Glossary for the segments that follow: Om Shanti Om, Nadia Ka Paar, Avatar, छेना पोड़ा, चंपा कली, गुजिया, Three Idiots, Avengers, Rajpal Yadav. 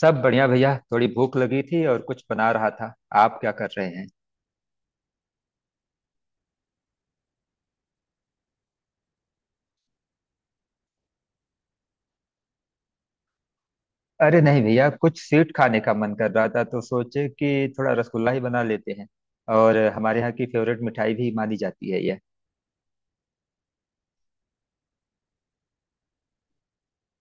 सब बढ़िया भैया, थोड़ी भूख लगी थी और कुछ बना रहा था। आप क्या कर रहे हैं? अरे नहीं भैया, कुछ स्वीट खाने का मन कर रहा था तो सोचे कि थोड़ा रसगुल्ला ही बना लेते हैं। और हमारे यहाँ की फेवरेट मिठाई भी मानी जाती है यह।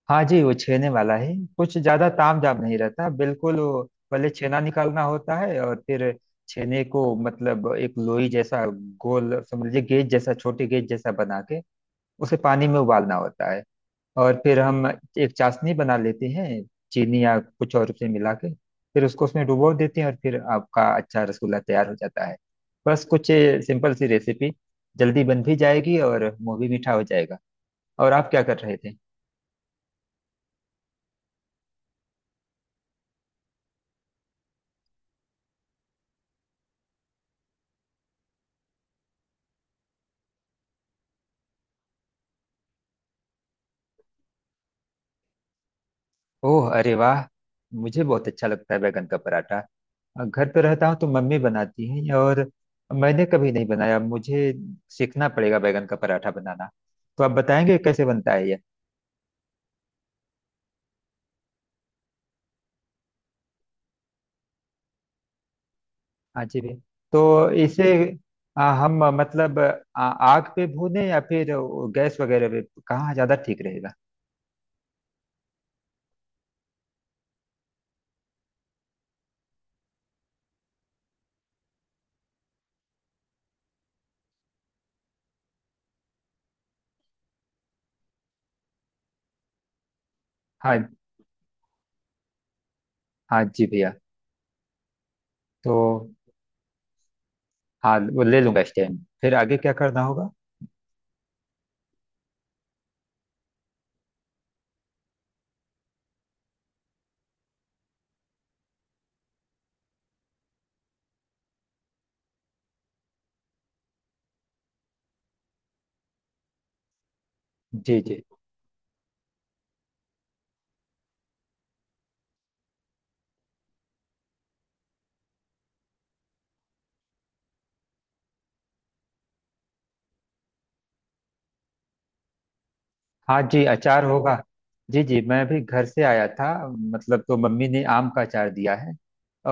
हाँ जी, वो छेने वाला है, कुछ ज्यादा ताम झाम नहीं रहता बिल्कुल वो। पहले छेना निकालना होता है और फिर छेने को मतलब एक लोई जैसा गोल समझ लीजिए, गेज जैसा, छोटे गेज जैसा बना के उसे पानी में उबालना होता है। और फिर हम एक चाशनी बना लेते हैं, चीनी या कुछ और से मिला के। फिर उसको उसमें डुबो देते हैं और फिर आपका अच्छा रसगुल्ला तैयार हो जाता है। बस कुछ सिंपल सी रेसिपी। जल्दी बन भी जाएगी और मुंह भी मीठा हो जाएगा। और आप क्या कर रहे थे? ओह, अरे वाह। मुझे बहुत अच्छा लगता है बैगन का पराठा। घर पे रहता हूँ तो मम्मी बनाती है, और मैंने कभी नहीं बनाया। मुझे सीखना पड़ेगा बैगन का पराठा बनाना। तो आप बताएंगे कैसे बनता है? हाँ जी भी। तो इसे हम मतलब आग पे भूनें या फिर वो गैस वगैरह पे? कहाँ ज़्यादा ठीक रहेगा? हाँ। हाँ जी भैया। तो हाँ, वो ले लूँगा स्टैंड। फिर आगे क्या करना होगा? जी जी। हाँ जी, अचार होगा। जी जी, मैं भी घर से आया था मतलब, तो मम्मी ने आम का अचार दिया है।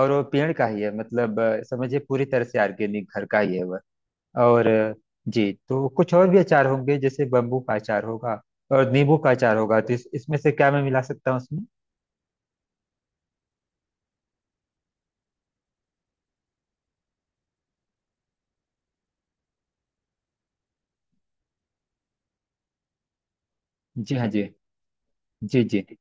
और वो पेड़ का ही है मतलब, समझिए, पूरी तरह से ऑर्गेनिक, घर का ही है वह। और जी, तो कुछ और भी अचार होंगे, जैसे बम्बू का अचार होगा और नींबू का अचार होगा। तो इसमें से क्या मैं मिला सकता हूँ उसमें? जी हाँ जी। जी जी जी,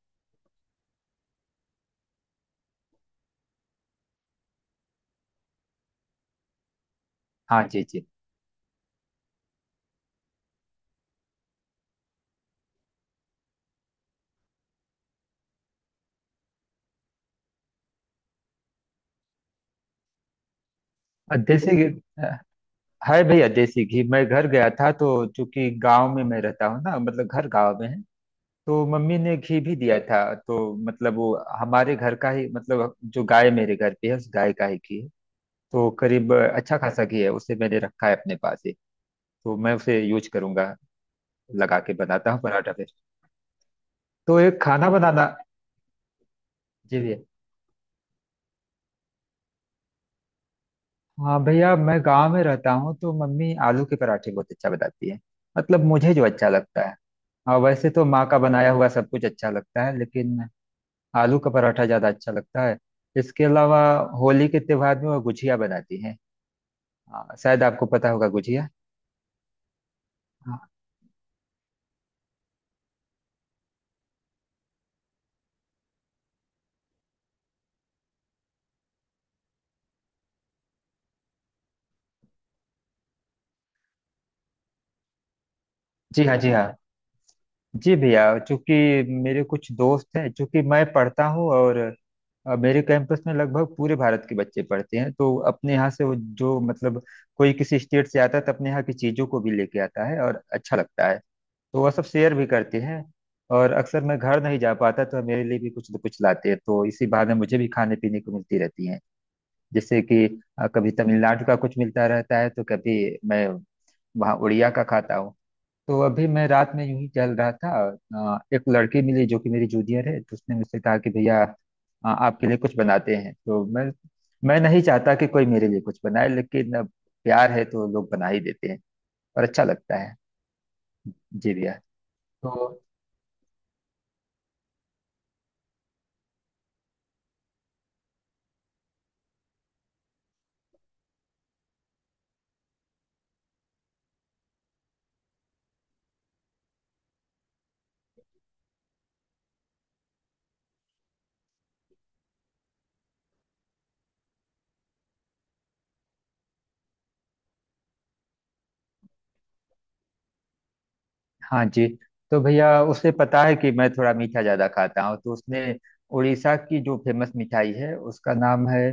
हाँ जी जी। और देसी घी, अ, है भैया, देसी घी। मैं घर गया था तो, चूंकि गांव में मैं रहता हूँ ना, मतलब घर गांव में है, तो मम्मी ने घी भी दिया था। तो मतलब वो हमारे घर का ही, मतलब जो गाय मेरे घर पे है, उस गाय का ही घी है। तो करीब अच्छा खासा घी है, उसे मैंने रखा है अपने पास ही। तो मैं उसे यूज करूंगा, लगा के बनाता हूँ पराठा। तो एक खाना बनाना। जी भैया। हाँ भैया, मैं गांव में रहता हूँ तो मम्मी आलू के पराठे बहुत अच्छा बताती है, मतलब मुझे जो अच्छा लगता है। हाँ, वैसे तो माँ का बनाया हुआ सब कुछ अच्छा लगता है, लेकिन आलू का पराठा ज़्यादा अच्छा लगता है। इसके अलावा होली के त्योहार में वो गुजिया बनाती है। हाँ, शायद आपको पता होगा गुजिया। हाँ, जी हाँ जी हाँ। जी भैया, चूंकि मेरे कुछ दोस्त हैं, चूंकि मैं पढ़ता हूँ, और मेरे कैंपस में लगभग पूरे भारत के बच्चे पढ़ते हैं। तो अपने यहाँ से वो जो मतलब, कोई किसी स्टेट से आता है तो अपने यहाँ की चीज़ों को भी लेके आता है और अच्छा लगता है। तो वह सब शेयर भी करते हैं। और अक्सर मैं घर नहीं जा पाता तो मेरे लिए भी कुछ न कुछ लाते हैं, तो इसी बहाने मुझे भी खाने पीने को मिलती रहती है। जैसे कि कभी तमिलनाडु का कुछ मिलता रहता है, तो कभी मैं वहाँ उड़िया का खाता हूँ। तो अभी मैं रात में यूं ही चल रहा था, एक लड़की मिली जो कि मेरी जूनियर है, तो उसने मुझसे कहा कि भैया आपके लिए कुछ बनाते हैं। तो मैं नहीं चाहता कि कोई मेरे लिए कुछ बनाए, लेकिन अब प्यार है तो लोग बना ही देते हैं। और अच्छा लगता है। जी भैया। तो हाँ जी। तो भैया, उसे पता है कि मैं थोड़ा मीठा ज्यादा खाता हूँ, तो उसने उड़ीसा की जो फेमस मिठाई है, उसका नाम है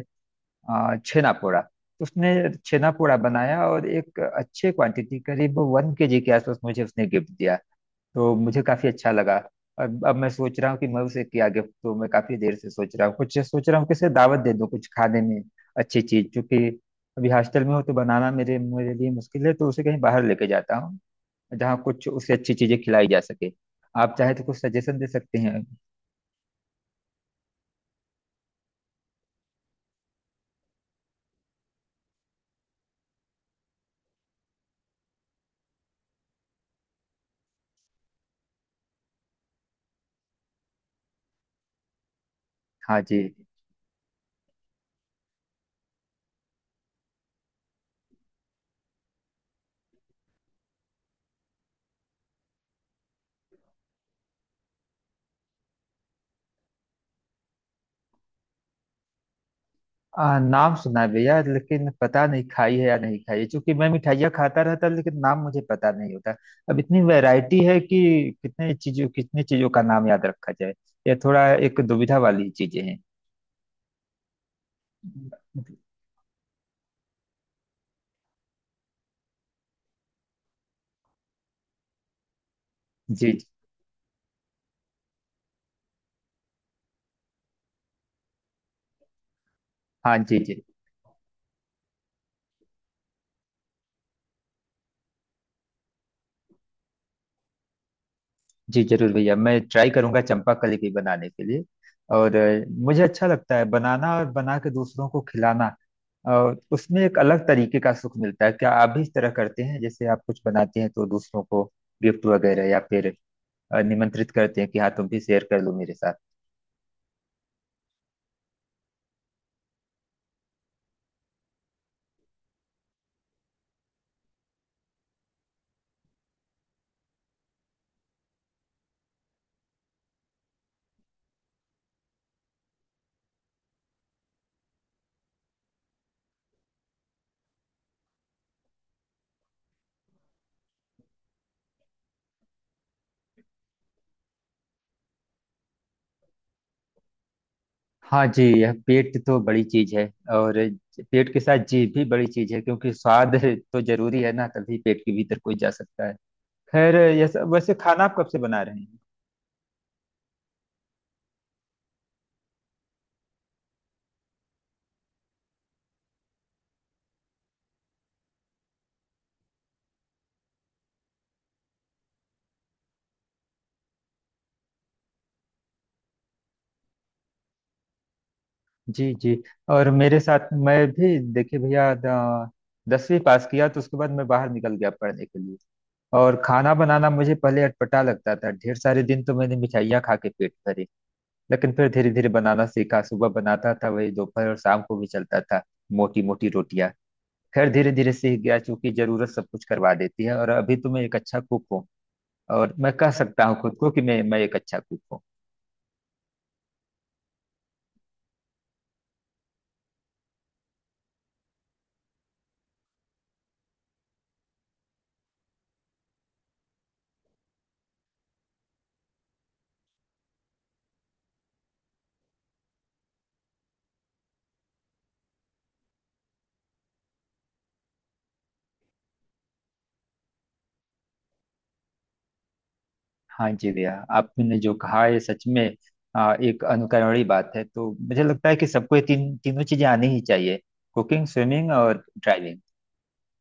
छेना पोड़ा, तो उसने छेना पोड़ा बनाया और एक अच्छे क्वांटिटी करीब 1 kg के आसपास मुझे उसने गिफ्ट दिया। तो मुझे काफी अच्छा लगा। और अब मैं सोच रहा हूँ कि मैं उसे क्या गिफ्ट दूँ। मैं काफी देर से सोच रहा हूँ, कुछ सोच रहा हूँ कि उसे दावत दे दूँ कुछ खाने में अच्छी चीज, क्योंकि अभी हॉस्टल में हो तो बनाना मेरे मेरे लिए मुश्किल है, तो उसे कहीं बाहर लेके जाता हूँ जहाँ कुछ उसे अच्छी चीजें खिलाई जा सके। आप चाहे तो कुछ सजेशन दे सकते हैं। हाँ जी। नाम सुना है भैया, लेकिन पता नहीं खाई है या नहीं खाई है, क्योंकि मैं मिठाइयाँ खाता रहता लेकिन नाम मुझे पता नहीं होता। अब इतनी वैरायटी है कि कितने चीजों, कितनी चीजों का नाम याद रखा जाए। यह थोड़ा एक दुविधा वाली चीजें हैं। जी जी। हाँ जी। जी जी जरूर भैया, मैं ट्राई करूंगा चंपा कली की बनाने के लिए। और मुझे अच्छा लगता है बनाना और बना के दूसरों को खिलाना, और उसमें एक अलग तरीके का सुख मिलता है। क्या आप भी इस तरह करते हैं? जैसे आप कुछ बनाते हैं तो दूसरों को गिफ्ट वगैरह, या फिर निमंत्रित करते हैं कि हाँ तुम भी शेयर कर लो मेरे साथ। हाँ जी, यह पेट तो बड़ी चीज है। और पेट के साथ जीभ भी बड़ी चीज है, क्योंकि स्वाद, तो जरूरी है ना, तभी पेट के भीतर कोई जा सकता है। खैर, यह सब वैसे खाना आप कब से बना रहे हैं? जी जी। और मेरे साथ मैं भी देखिए भैया, 10वीं पास किया तो उसके बाद मैं बाहर निकल गया पढ़ने के लिए। और खाना बनाना मुझे पहले अटपटा लगता था, ढेर सारे दिन तो मैंने मिठाइयाँ खा के पेट भरे। लेकिन फिर धीरे धीरे बनाना सीखा, सुबह बनाता था वही दोपहर और शाम को भी चलता था, मोटी मोटी रोटियां। खैर, धीरे धीरे सीख गया, क्योंकि जरूरत सब कुछ करवा देती है। और अभी तो मैं एक अच्छा कुक हूँ, और मैं कह सकता हूँ खुद को कि मैं एक अच्छा कुक हूँ। हाँ जी भैया, आपने जो कहा ये सच में एक अनुकरणीय बात है। तो मुझे लगता है कि सबको ये तीन तीनों चीजें आनी ही चाहिए: कुकिंग, स्विमिंग और ड्राइविंग।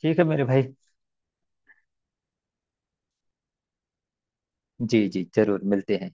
ठीक है मेरे भाई। जी जी, जरूर मिलते हैं।